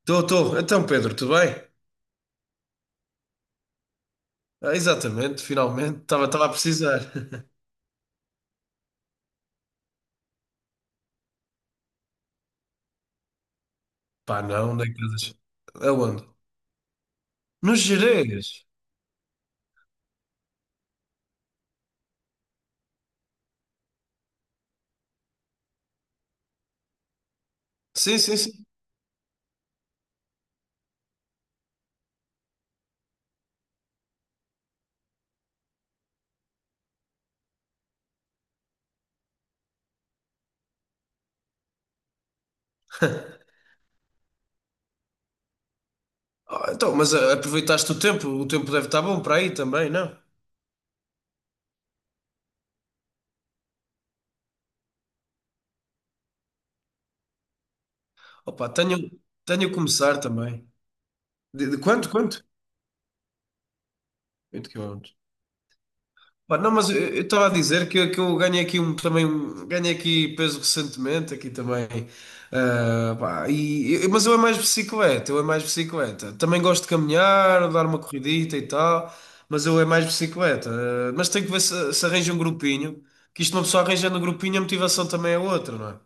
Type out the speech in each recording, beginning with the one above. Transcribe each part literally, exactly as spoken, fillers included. Estou, estou. Então, Pedro, tudo bem? Ah, exatamente, finalmente. Estava, estava a precisar. Pá, não, nem casas. Aonde? Nos Gerês. Sim, sim, sim. Ah, então, mas ah, aproveitaste o tempo. O tempo deve estar bom para aí também, não? Opa, tenho, tenho a começar também. De, de quanto, quanto? Oito quilômetros. Pá, não, mas eu eu estava a dizer que, que eu ganhei aqui um, também um- ganhei aqui peso recentemente aqui também. Ah, pá, e, e- mas eu é mais bicicleta eu é mais bicicleta também gosto de caminhar, dar uma corridita e tal, mas eu é mais bicicleta. Ah, mas tenho que ver se, se arranja um grupinho, que isto, uma pessoa arranjando um grupinho, a motivação também é outra, não é?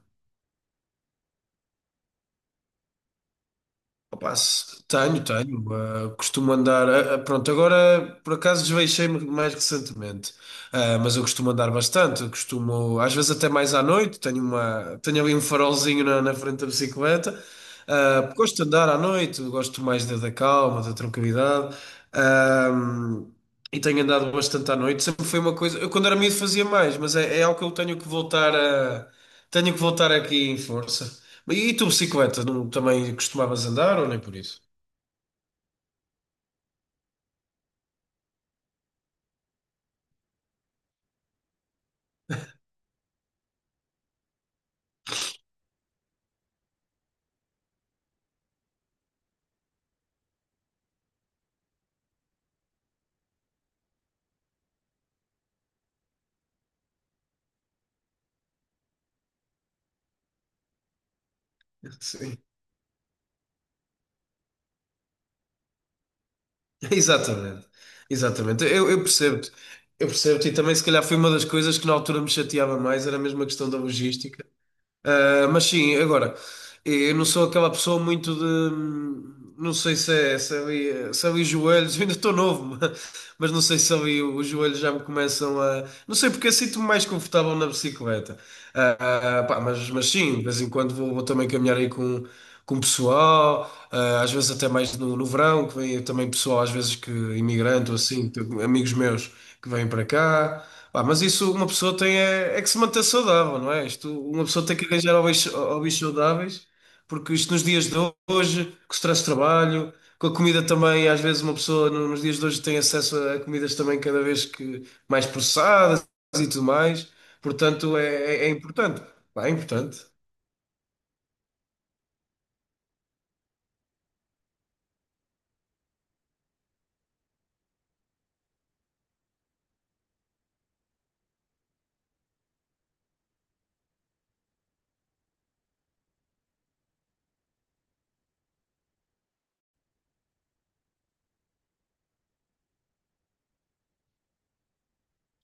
Opa, se- tenho, tenho. Ah, costumo andar. Ah, ah, pronto, agora por acaso desveixei-me mais recentemente. Ah, mas eu costumo andar bastante. Eu costumo, às vezes até mais à noite. Tenho uma, tenho ali um farolzinho na, na, frente da bicicleta. Ah, gosto de andar à noite. Gosto mais da, da calma, da tranquilidade. Ah, e tenho andado bastante à noite. Sempre foi uma coisa. Eu quando era miúdo fazia mais, mas é, é algo que eu tenho que voltar a. Tenho que voltar aqui em força. E tu, bicicleta, não, também costumavas andar ou nem por isso? Sim. Exatamente. Exatamente. Eu, eu percebo-te. Eu percebo-te. E também, se calhar, foi uma das coisas que na altura me chateava mais, era mesmo a questão da logística. Ah, mas sim, agora. Eu não sou aquela pessoa muito de. Não sei se é se é ali, se é ali os joelhos, eu ainda estou novo, ma- mas não sei se ali os joelhos já me começam a. Não sei porque eu sinto-me mais confortável na bicicleta. Ah, ah, ah, pá, mas, mas sim, de vez em quando vou, vou também caminhar aí com, com o pessoal, ah, às vezes até mais no, no verão, que vem também pessoal, às vezes que imigrante ou assim, tenho amigos meus que vêm para cá. Pá, mas isso uma pessoa tem é, é que se manter saudável, não é? Isto, uma pessoa tem que arranjar hobbies, hobbies saudáveis, porque isto nos dias de hoje, com o stress de trabalho, com a comida também, às vezes uma pessoa no- nos dias de hoje tem acesso a comidas também cada vez que mais processadas e tudo mais. Portanto, é, é, é importante. Pá, é importante.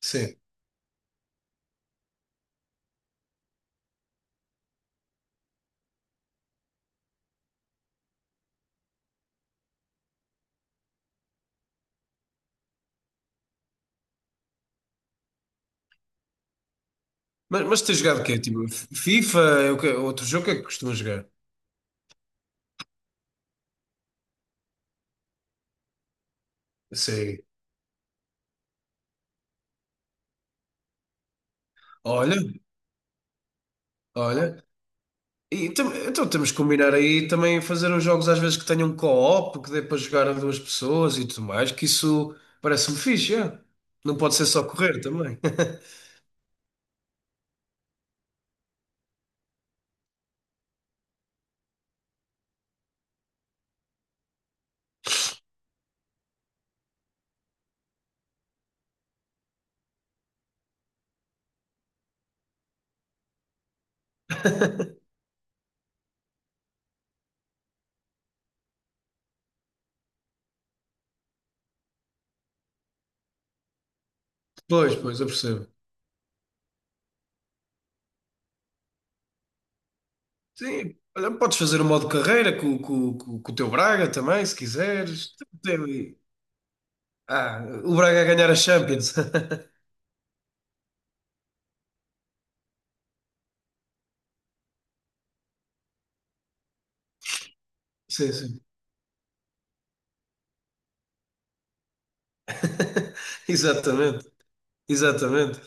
Sim. Mas, mas tens jogado o quê? Tipo, FIFA? É o quê? Outro jogo que é que costumas jogar? Sim. Olha, olha. E tam- então temos que combinar aí também fazer uns jogos às vezes que tenham co-op, que dê para jogar a duas pessoas e tudo mais, que isso parece-me fixe, é? Não pode ser só correr também. Pois, pois, eu percebo. Sim, olha, podes fazer o modo carreira com, com, com, com o teu Braga também, se quiseres. Tem- Ah, o Braga a ganhar a Champions. Sim, sim. Exatamente, exatamente.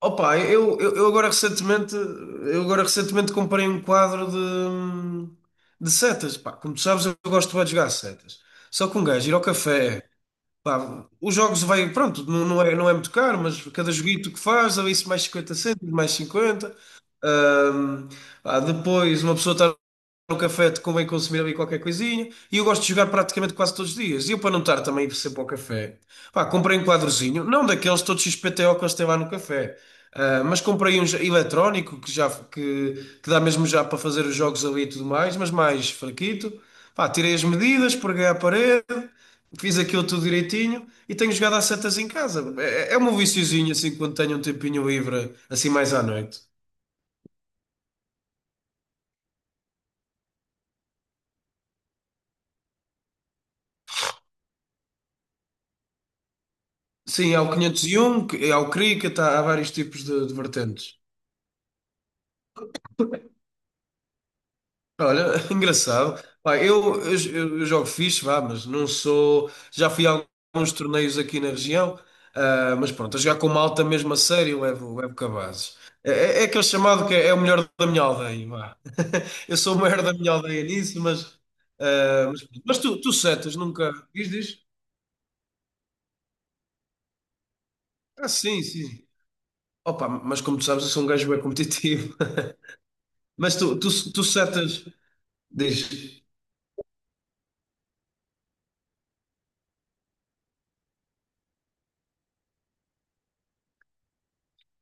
Opa, eu, eu, eu agora recentemente, eu agora recentemente comprei um quadro de, de setas. Pá, como tu sabes, eu gosto bué de jogar setas. Só que um gajo ir ao café, pá, os jogos vai, pronto, não, não é, não é muito caro, mas cada joguito que faz, ou isso mais cinquenta cêntimos, mais cinquenta. Ahm, Pá, depois uma pessoa está no café, te convém consumir ali qualquer coisinha. E eu gosto de jogar praticamente quase todos os dias. E eu, para não estar também sempre ao café, pá, comprei um quadrozinho, não daqueles todos X P T O que eles têm lá no café, ah, mas comprei um j- eletrónico que já que, que dá mesmo já para fazer os jogos ali e tudo mais, mas mais fraquito. Pá, tirei as medidas, preguei à parede, fiz aquilo tudo direitinho e tenho jogado às setas em casa. É, é um viciozinho assim quando tenho um tempinho livre, assim mais à noite. Sim, há o quinhentos e um, que- há o cricket, há, há vários tipos de, de vertentes. Olha, engraçado. Pá, eu, eu, eu jogo fixe, vá, mas não sou. Já fui a alguns torneios aqui na região, ah, mas pronto, a jogar com malta mesmo a sério, levo, levo cabazes. É, é é aquele chamado que é, é o melhor da minha aldeia, vá. Eu sou o maior da minha aldeia nisso, mas. ah, mas, mas tu, tu setas, nunca. Diz, diz? Ah, sim, sim. Opa, mas como tu sabes, eu sou um gajo bem competitivo. Mas tu, tu, tu setas. Diz,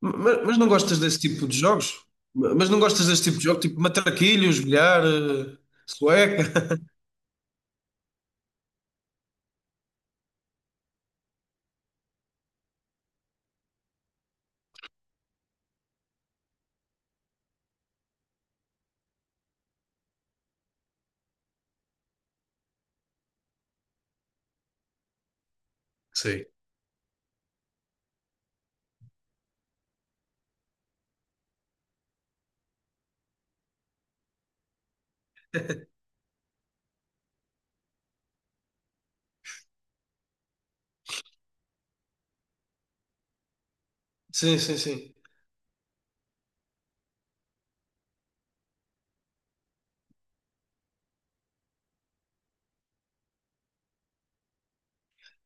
mas, mas não gostas desse tipo de jogos? Ma- Mas não gostas desse tipo de jogo? Tipo matraquilhos, bilhar, eh, sueca? Sim. Sim, sim, sim.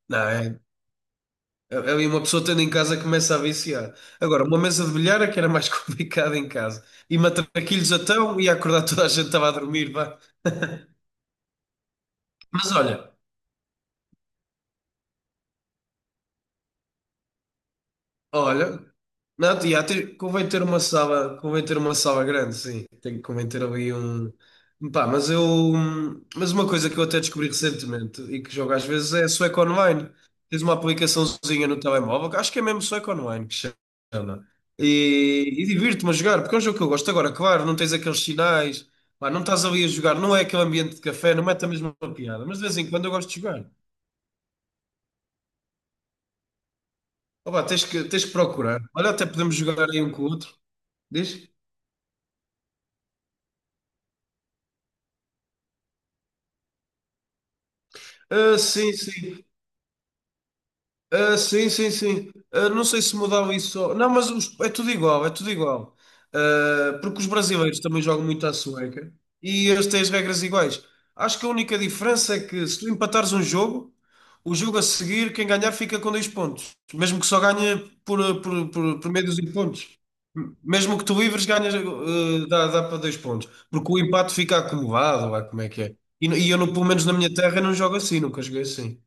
Não, é, é, é uma pessoa tendo em casa começa a viciar. Agora, uma mesa de bilhar é que era mais complicada em casa. E matraquilhos então, ia acordar toda a gente estava a dormir, vá. Mas olha. Olha, não, tia, ter, convém ter uma sala, convém ter uma sala grande, sim. Tem que convém ter ali um. Pá, mas eu. Mas uma coisa que eu até descobri recentemente e que jogo às vezes é Sueco Online. Tens uma aplicaçãozinha no telemóvel, que acho que é mesmo Sueco Online que se chama. E, e divirto-me a jogar, porque é um jogo que eu gosto. Agora, claro, não tens aqueles sinais, pá, não estás ali a jogar, não é aquele ambiente de café, não mete a mesma piada, mas de vez em quando eu gosto de jogar. Ó pá, tens que, tens que procurar. Olha, até podemos jogar aí um com o outro. Diz? Ah, sim, sim. Ah, sim, sim, sim. Ah, não sei se mudava isso. ou- Não, mas os- é tudo igual, é tudo igual. Ah, porque os brasileiros também jogam muito à sueca e eles têm as regras iguais. Acho que a única diferença é que se tu empatares um jogo, o jogo a seguir, quem ganhar fica com dois pontos. Mesmo que só ganhe por, por, por, por meio dos pontos. Mesmo que tu livres, ganhas, ah, dá, dá para dois pontos. Porque o empate fica acumulado, lá como é que é. E, e eu, no- pelo menos na minha terra, não jogo assim, nunca joguei assim.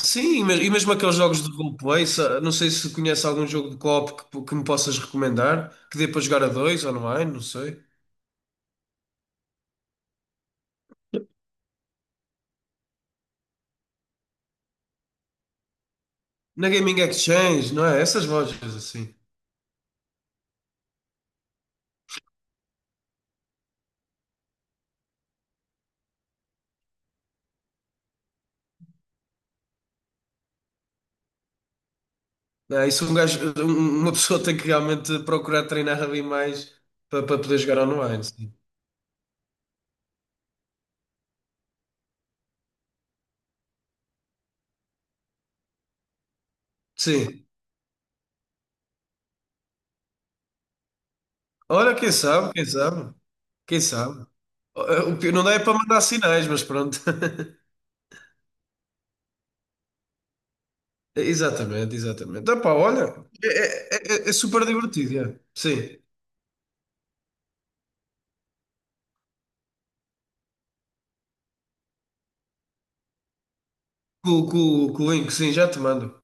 Sim, mas- e mesmo aqueles jogos de roleplay, sa- não sei se conhece algum jogo de co-op que, que me possas recomendar, que dê para jogar a dois online, não sei. Na Gaming Exchange, não é? Essas lojas assim. Não é? Isso um gajo, um- uma pessoa tem que realmente procurar treinar ali mais para, para poder jogar online. Sim. Sim. Olha, quem sabe, quem sabe, quem sabe. O pior não dá é para mandar sinais, mas pronto. Exatamente, exatamente. Epá, olha, é, é- é- é super divertido, é. Sim. Com, com, com o link, sim, já te mando.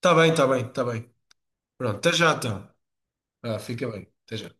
Tá bem, tá bem, tá bem. Pronto, até já então. Ah, fica bem, até já.